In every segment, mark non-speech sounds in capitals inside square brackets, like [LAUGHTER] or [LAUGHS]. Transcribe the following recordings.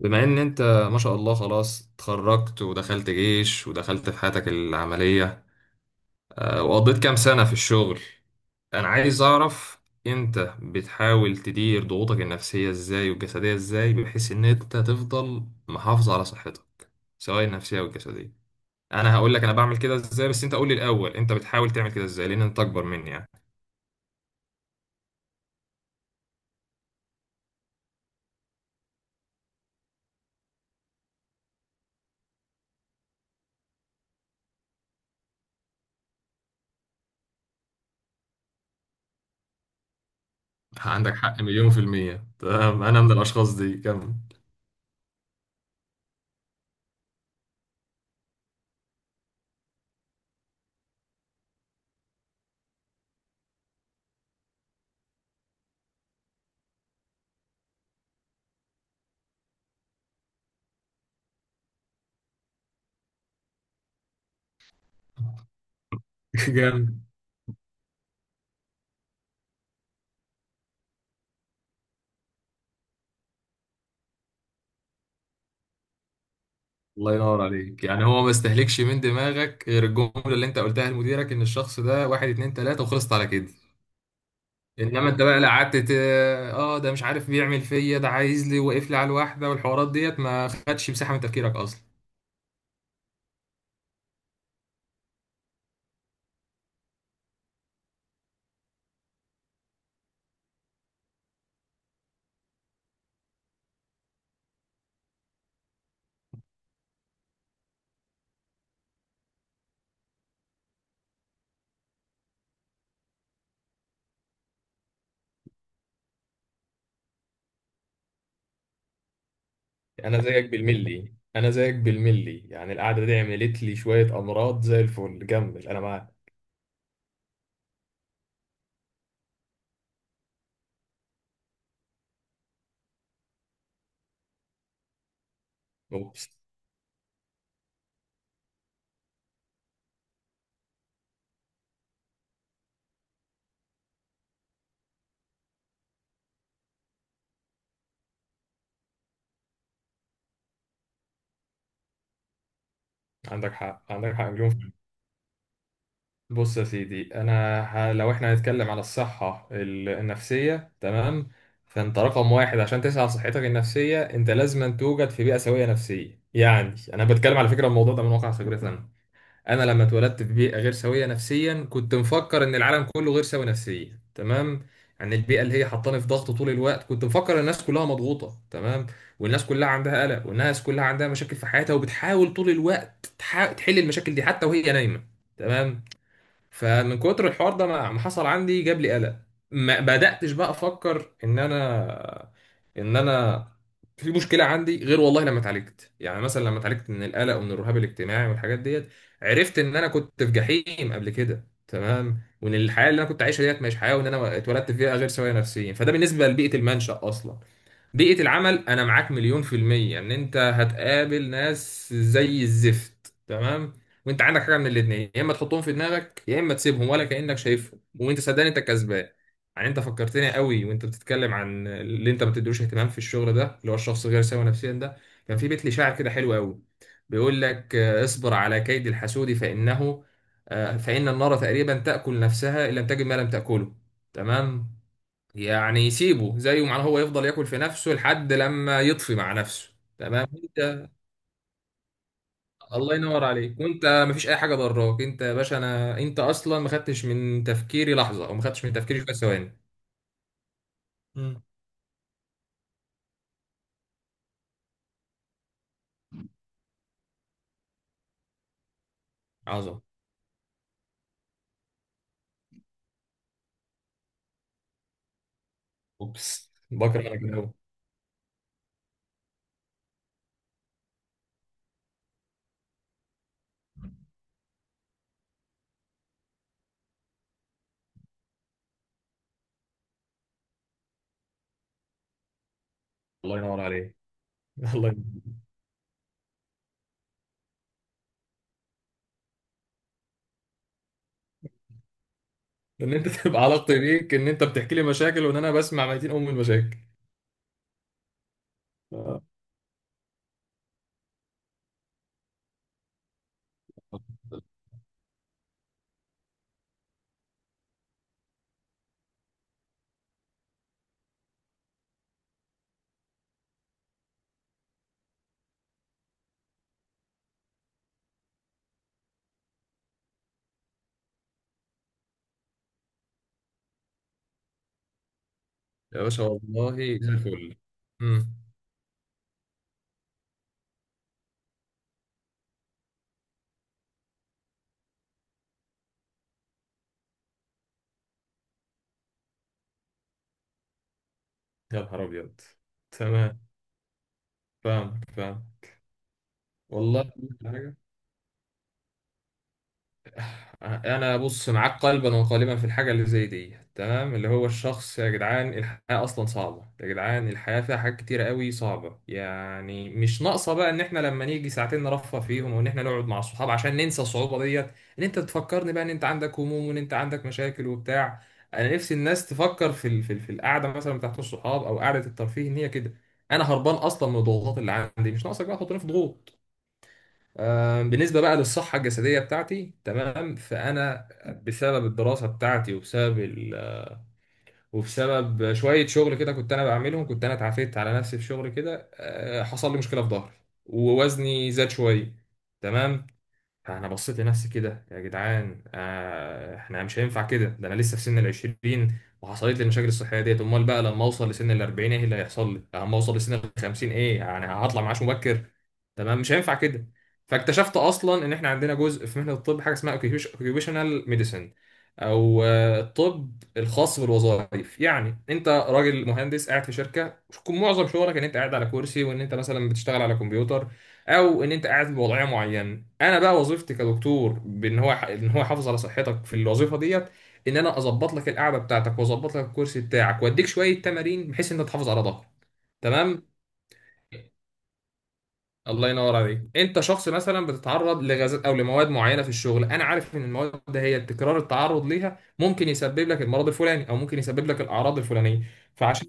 بما ان انت ما شاء الله خلاص اتخرجت ودخلت جيش ودخلت في حياتك العملية، وقضيت كام سنة في الشغل. انا عايز اعرف انت بتحاول تدير ضغوطك النفسية ازاي والجسدية ازاي بحيث ان انت تفضل محافظ على صحتك، سواء النفسية او الجسدية. انا هقول لك انا بعمل كده ازاي، بس انت قول لي الاول انت بتحاول تعمل كده ازاي لان انت اكبر مني يعني. [LAUGHS] عندك حق مليون في المية، تمام، انا من الاشخاص دي، كمل. [LAUGHS] جامد. الله ينور عليك، يعني هو ما استهلكش من دماغك غير الجمله اللي انت قلتها لمديرك ان الشخص ده واحد اتنين تلاته وخلصت على كده. انما انت بقى لا، قعدت ده مش عارف بيعمل فيا، ده عايز لي واقف لي على الواحده، والحوارات ديت ما خدش مساحه من تفكيرك اصلا. انا زيك بالملي، انا زيك بالملي، يعني القعده دي عملت لي شويه امراض زي الفل، جمل، انا معاك. اوبس. عندك حق، عندك حق مليون. بص يا سيدي انا لو احنا هنتكلم على الصحة النفسية، تمام، فانت رقم واحد عشان تسعى على صحتك النفسية انت لازم أن توجد في بيئة سوية نفسيا. يعني انا بتكلم على فكرة الموضوع ده من واقع خبرتي انا. انا لما اتولدت في بيئة غير سوية نفسيا كنت مفكر ان العالم كله غير سوي نفسيا، تمام. يعني البيئة اللي هي حطاني في ضغط طول الوقت كنت مفكر ان الناس كلها مضغوطة، تمام. والناس كلها عندها قلق، والناس كلها عندها مشاكل في حياتها، وبتحاول طول الوقت تحل المشاكل دي حتى وهي نايمة. تمام. فمن كتر الحوار ده ما حصل عندي، جاب لي قلق. ما بدأتش بقى افكر ان انا ان انا في مشكله عندي غير والله لما اتعالجت، يعني مثلا لما اتعالجت من القلق ومن الرهاب الاجتماعي والحاجات ديت عرفت ان انا كنت في جحيم قبل كده، تمام، وان الحياه اللي انا كنت عايشها ديت مش حياه، وان انا اتولدت فيها غير سويه نفسيا. فده بالنسبه لبيئه المنشأ اصلا. بيئة العمل أنا معاك مليون في المية إن أنت هتقابل ناس زي الزفت، تمام، وانت عندك حاجه من الاثنين، يا اما تحطهم في دماغك يا اما تسيبهم ولا كانك شايفهم، وانت صدقني انت كسبان. يعني انت فكرتني قوي وانت بتتكلم عن اللي انت ما بتديلوش اهتمام في الشغل ده اللي هو الشخص غير سوي نفسيا ده. كان في بيت لي شاعر كده حلو قوي، بيقول لك اصبر على كيد الحسود فانه، فان النار تقريبا تاكل نفسها ان لم تجد ما لم تاكله. تمام. يعني سيبه زيه، معناه هو يفضل ياكل في نفسه لحد لما يطفي مع نفسه. تمام. الله ينور عليك. وانت مفيش اي حاجه ضراك، انت يا باشا انا انت اصلا ما خدتش من تفكيري لحظه او ما خدتش من تفكيري شويه ثواني. مم. عظمه. اوبس، بكره انا كده أوي. الله ينور عليك. [LAUGHS] الله ينور. ان انت تبقى علاقتي بيك ان انت بتحكي لي مشاكل وان انا بسمع 200 ام المشاكل. آه. يا باشا، والله زي الفل. امم يا نهار ابيض. تمام. فاهمك، فاهم. والله انا بص معاك قلبا وقالبا في الحاجه اللي زي دي، تمام، اللي هو الشخص يا جدعان الحياه اصلا صعبه، يا جدعان الحياه فيها حاجات كتيره قوي صعبه، يعني مش ناقصه بقى ان احنا لما نيجي ساعتين نرفه فيهم وان احنا نقعد مع الصحاب عشان ننسى الصعوبه ديت، ان انت تفكرني بقى ان انت عندك هموم وان انت عندك مشاكل وبتاع. انا نفسي الناس تفكر في القعده مثلا بتاعت الصحاب او قعده الترفيه ان هي كده. انا هربان اصلا من الضغوطات اللي عندي، مش ناقصك بقى تحطني في ضغوط. بالنسبة بقى للصحة الجسدية بتاعتي، تمام، فأنا بسبب الدراسة بتاعتي وبسبب وبسبب شوية شغل كده كنت أنا بعملهم، كنت أنا اتعافيت على نفسي في شغل كده، حصل لي مشكلة في ظهري، ووزني زاد شوية. تمام. فانا بصيت لنفسي كده، يا جدعان آه احنا مش هينفع كده، ده انا لسه في سن العشرين وحصلت لي المشاكل الصحيه ديت، امال بقى لما اوصل لسن الاربعين ايه اللي هيحصل لي، لما اوصل لسن الخمسين ايه، يعني هطلع معاش مبكر؟ تمام، مش هينفع كده. فاكتشفت اصلا ان احنا عندنا جزء في مهنه الطب حاجه اسمها اوكيوبيشنال ميديسن، او الطب الخاص بالوظائف. يعني انت راجل مهندس قاعد في شركه، معظم شغلك ان انت قاعد على كرسي وان انت مثلا بتشتغل على كمبيوتر، او ان انت قاعد في وضعيه معينه. انا بقى وظيفتي كدكتور بان هو ان هو يحافظ على صحتك في الوظيفه ديت، ان انا اظبط لك القعده بتاعتك واظبط لك الكرسي بتاعك واديك شويه تمارين بحيث ان انت تحافظ على ظهرك. تمام. الله ينور عليك. انت شخص مثلا بتتعرض لغازات او لمواد معينه في الشغل، انا عارف ان المواد ده هي تكرار التعرض ليها ممكن يسبب لك المرض الفلاني او ممكن يسبب لك الاعراض الفلانيه، فعشان.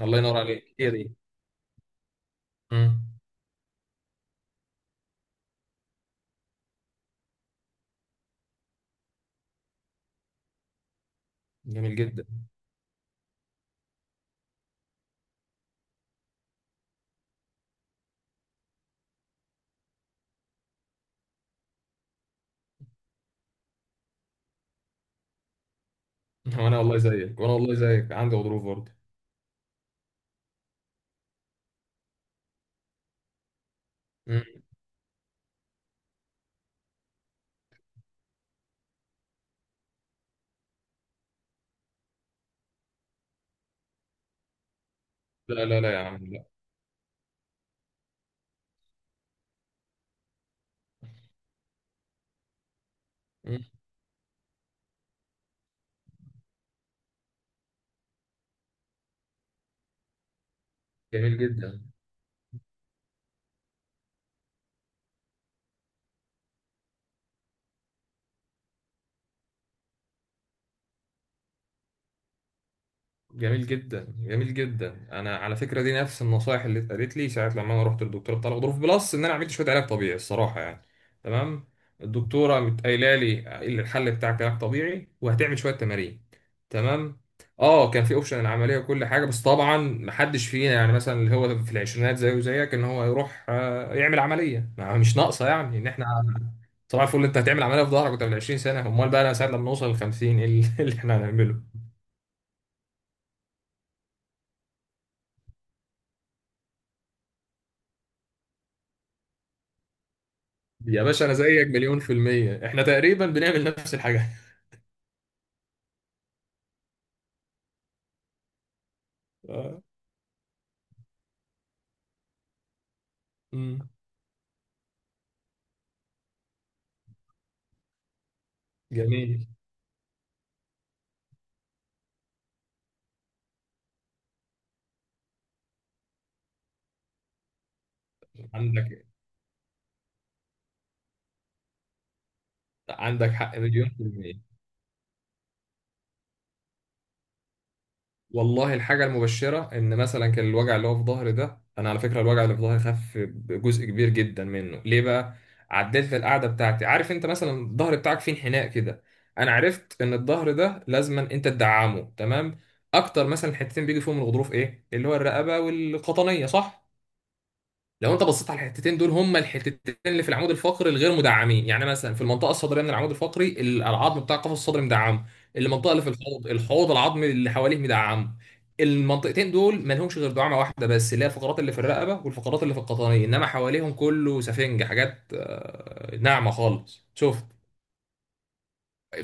الله ينور عليك، هي دي. مم. جميل جدا. [LAUGHS] وانا والله زيك، وانا والله زيك عندي غضروف برضه. لا لا لا يا عم لا. مم. جميل جدا، جميل جدا، جميل جدا، انا على فكره دي نفس النصايح اللي اتقالت لي ساعه لما انا رحت للدكتوره بتاع الغضروف، بلس ان انا عملت شويه علاج طبيعي الصراحه يعني. تمام. الدكتوره قامت قايله لي اللي الحل بتاعك علاج طبيعي وهتعمل شويه تمارين. تمام. اه كان في اوبشن العمليه وكل حاجه، بس طبعا محدش فينا يعني مثلا اللي هو في العشرينات زيه وزيك ان هو يروح يعمل عمليه، مش ناقصه يعني ان احنا صباح الفل انت هتعمل عمليه في ظهرك وانت من 20 سنه، امال بقى انا ساعه لما نوصل ل 50 ايه اللي [LAUGHS] اللي احنا هنعمله؟ يا باشا انا زيك مليون في الميه، احنا تقريبا بنعمل نفس الحاجه. آه، امم جميل. عندك، عندك حق مليون في الميه. والله الحاجة المبشرة إن مثلا كان الوجع اللي هو في ظهري ده، أنا على فكرة الوجع اللي في ظهري خف بجزء كبير جدا منه، ليه بقى؟ عدلت القعدة بتاعتي. عارف أنت مثلا الظهر بتاعك فيه انحناء كده؟ أنا عرفت إن الظهر ده لازما أنت تدعمه، تمام؟ أكتر مثلا حتتين بيجي فيهم الغضروف إيه؟ اللي هو الرقبة والقطنية، صح؟ لو انت بصيت على الحتتين دول هما الحتتين اللي في العمود الفقري الغير مدعمين. يعني مثلا في المنطقه الصدريه من العمود الفقري العظم بتاع القفص الصدري مدعم، المنطقه اللي في الحوض، الحوض العظمي اللي حواليه مدعم. المنطقتين دول ما لهمش غير دعامه واحده بس، اللي هي الفقرات اللي في الرقبه والفقرات اللي في القطنيه، انما حواليهم كله سفنج، حاجات ناعمه خالص، شوف.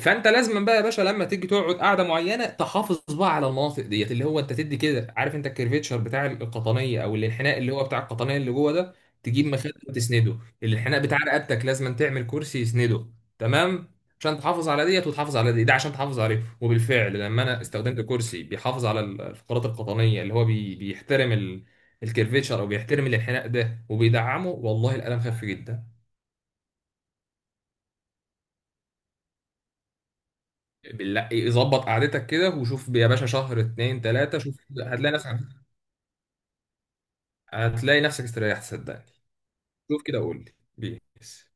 فانت لازم بقى يا باشا لما تيجي تقعد قعده معينه تحافظ بقى على المناطق ديت، اللي هو انت تدي كده، عارف انت الكرفيتشر بتاع القطنيه او الانحناء اللي هو بتاع القطنيه اللي جوه ده، تجيب مخده وتسنده. الانحناء بتاع رقبتك لازم تعمل كرسي يسنده. تمام. عشان تحافظ على ديت وتحافظ على دي، ده عشان تحافظ عليه. وبالفعل لما انا استخدمت كرسي بيحافظ على الفقرات القطنيه اللي هو بيحترم الكرفيتشر، او بيحترم الانحناء ده وبيدعمه، والله الالم خف جدا. بالله يظبط قعدتك كده وشوف يا باشا، شهر اتنين تلاتة شوف هتلاقي نفسك. هتلاقي نفسك استريحت، صدقني. شوف كده وقول لي بيس.